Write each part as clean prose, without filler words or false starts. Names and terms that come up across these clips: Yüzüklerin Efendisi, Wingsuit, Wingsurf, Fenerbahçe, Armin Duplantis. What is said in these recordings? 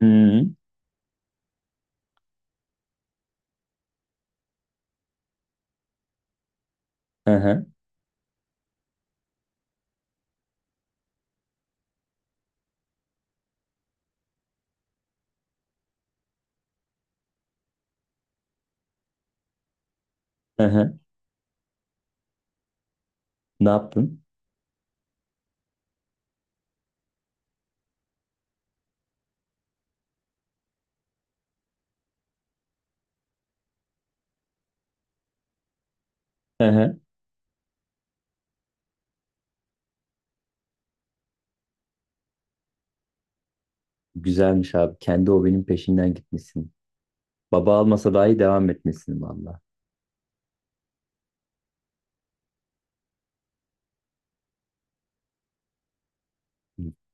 Hı hı, hı hı. Ne yaptın? Hı hı. Güzelmiş abi. Kendi hobinin peşinden gitmişsin. Baba almasa dahi devam etmişsin valla.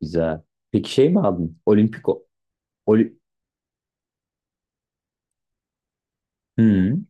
Güzel. Peki şey mi aldın? Olimpik o. Oli hı.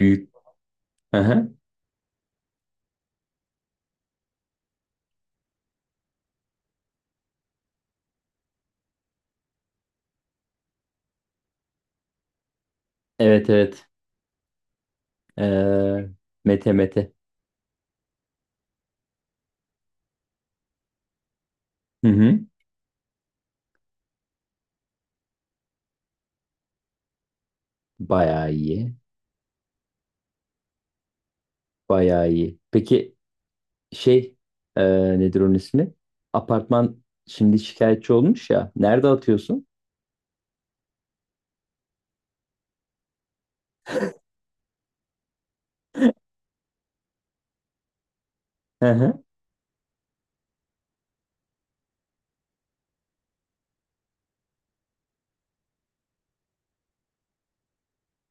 Büyük. Hı hı. Evet evet. Ee, Mete Mete. Hı hı. Bayağı iyi. Bayağı iyi. Peki şey nedir onun ismi? Apartman şimdi şikayetçi olmuş ya. Nerede atıyorsun? Hı hı.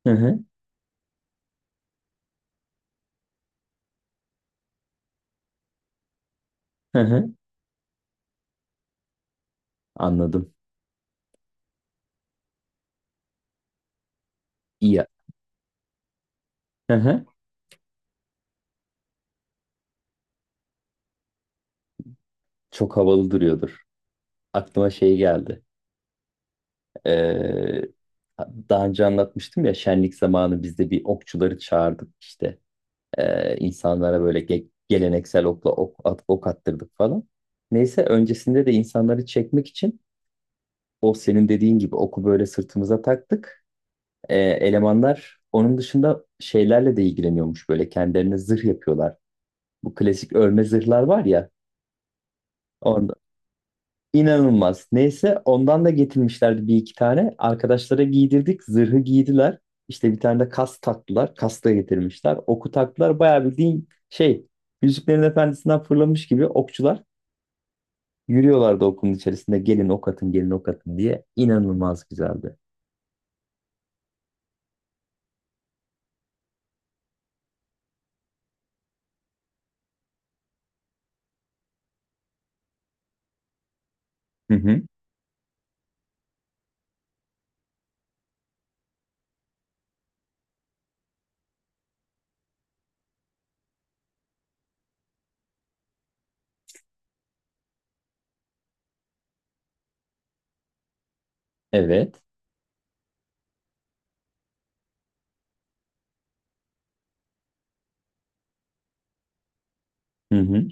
Hı hı. Hı hı. Anladım. İyi. Hı hı. Çok havalı duruyordur. Aklıma şey geldi. Ee, daha önce anlatmıştım ya şenlik zamanı bizde bir okçuları çağırdık işte. İnsanlara böyle geleneksel okla ok, at, ok attırdık falan. Neyse öncesinde de insanları çekmek için o senin dediğin gibi oku böyle sırtımıza taktık. Elemanlar onun dışında şeylerle de ilgileniyormuş böyle kendilerine zırh yapıyorlar. Bu klasik örme zırhlar var ya. İnanılmaz. Neyse ondan da getirmişlerdi bir iki tane. Arkadaşlara giydirdik. Zırhı giydiler. İşte bir tane de kas taktılar. Kas da getirmişler. Oku taktılar. Bayağı bildiğin şey Yüzüklerin Efendisi'nden fırlamış gibi okçular yürüyorlardı okulun içerisinde. Gelin ok atın, gelin ok atın diye. İnanılmaz güzeldi. Hı hı. Evet. Hı hı.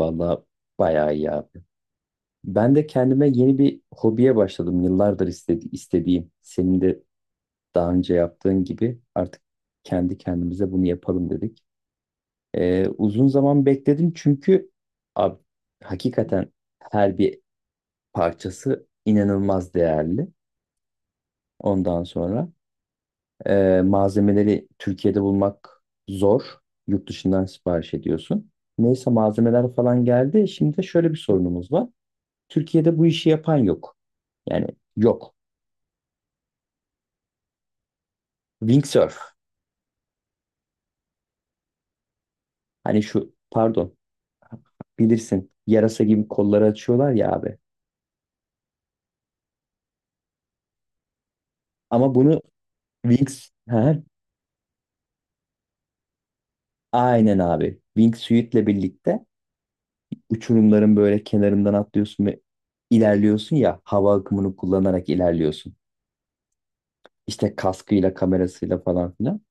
Vallahi bayağı iyi abi. Ben de kendime yeni bir hobiye başladım. Yıllardır istediğim. Senin de daha önce yaptığın gibi artık kendi kendimize bunu yapalım dedik. Uzun zaman bekledim çünkü abi, hakikaten her bir parçası inanılmaz değerli. Ondan sonra malzemeleri Türkiye'de bulmak zor. Yurt dışından sipariş ediyorsun. Neyse malzemeler falan geldi. Şimdi de şöyle bir sorunumuz var. Türkiye'de bu işi yapan yok. Yani yok. Wingsurf. Hani şu pardon bilirsin yarasa gibi kolları açıyorlar ya abi. Ama bunu Wings ha, aynen abi. Wingsuit'le birlikte uçurumların böyle kenarından atlıyorsun ve ilerliyorsun ya hava akımını kullanarak ilerliyorsun. İşte kaskıyla kamerasıyla falan filan.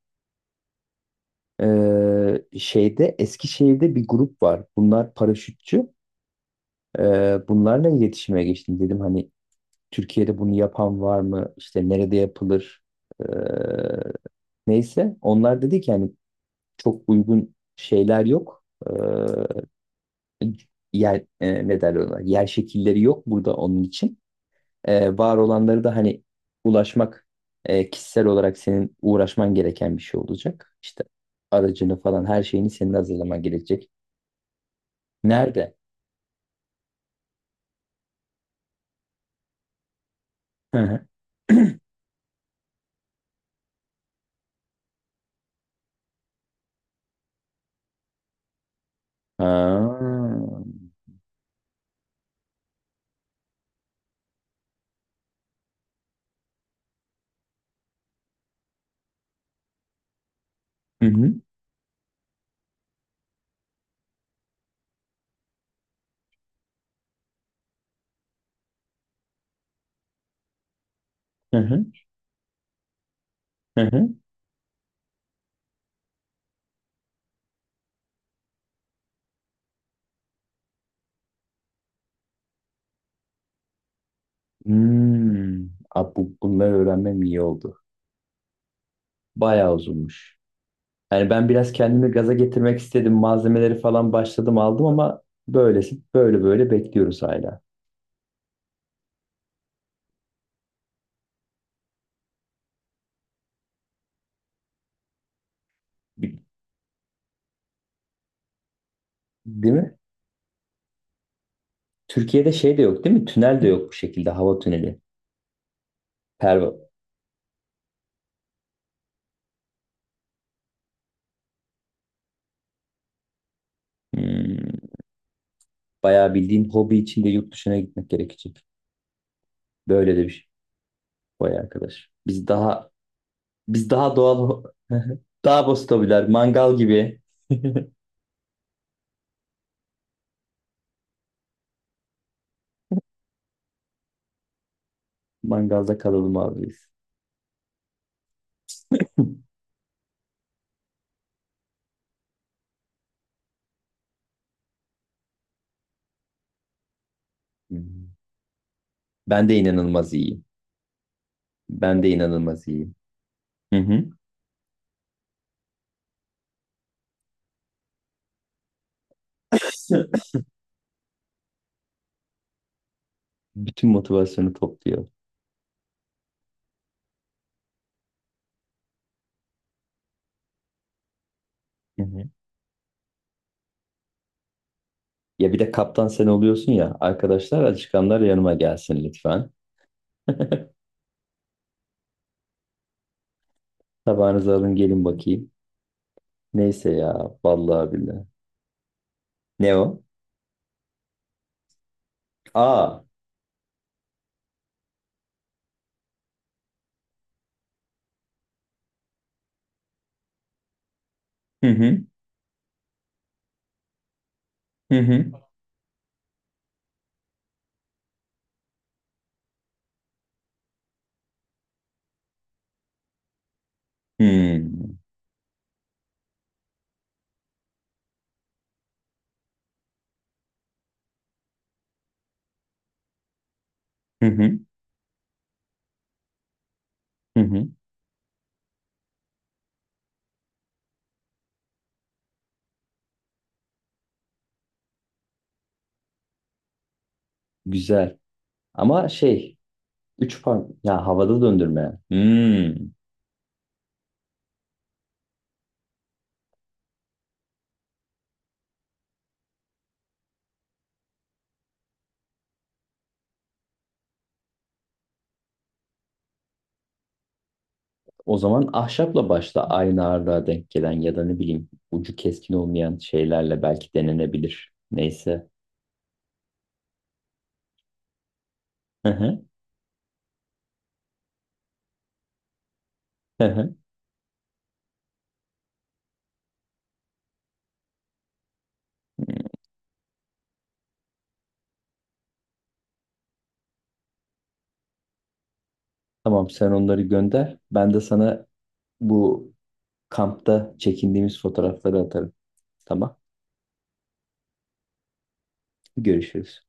Şeyde Eskişehir'de bir grup var. Bunlar paraşütçü. Bunlarla iletişime geçtim. Dedim hani Türkiye'de bunu yapan var mı? İşte nerede yapılır? Ee, neyse. Onlar dedi ki hani çok uygun şeyler yok. Ee, yer ne derler ona yer şekilleri yok burada onun için. Var olanları da hani ulaşmak kişisel olarak senin uğraşman gereken bir şey olacak. İşte aracını falan her şeyini senin hazırlaman gerekecek. Nerede? Hı hı. Ha. Hı hı. Hı hı. Hı hı. Hmm. Abi bunları öğrenmem iyi oldu. Bayağı uzunmuş. Yani ben biraz kendimi gaza getirmek istedim. Malzemeleri falan başladım aldım ama böylesi böyle böyle bekliyoruz hala. Değil mi? Türkiye'de şey de yok değil mi? Tünel de yok bu şekilde. Hava tüneli. Perva. Hmm, bayağı bildiğin hobi için de yurt dışına gitmek gerekecek. Böyle de bir şey. Vay arkadaş. Biz daha doğal daha bostabiler. Mangal gibi. Mangalda kalalım abi biz. Hmm. Ben de inanılmaz iyiyim. Ben de inanılmaz iyiyim. Hı hı. Bütün motivasyonu topluyor. Hı hı. Ya bir de kaptan sen oluyorsun ya. Arkadaşlar açıkanlar yanıma gelsin lütfen. Tabağınızı alın gelin bakayım. Neyse ya vallahi billahi. Ne o? Aa. Hı hı. Hı hı. Hı hı. Hı hı. Hı. Güzel. Ama şey üç par ya havada döndürme. Hmm. O zaman ahşapla başla aynı ağırlığa denk gelen ya da ne bileyim ucu keskin olmayan şeylerle belki denenebilir. Neyse. Hı hı. Hı hı. Tamam sen onları gönder. Ben de sana bu kampta çekindiğimiz fotoğrafları atarım. Tamam. Görüşürüz.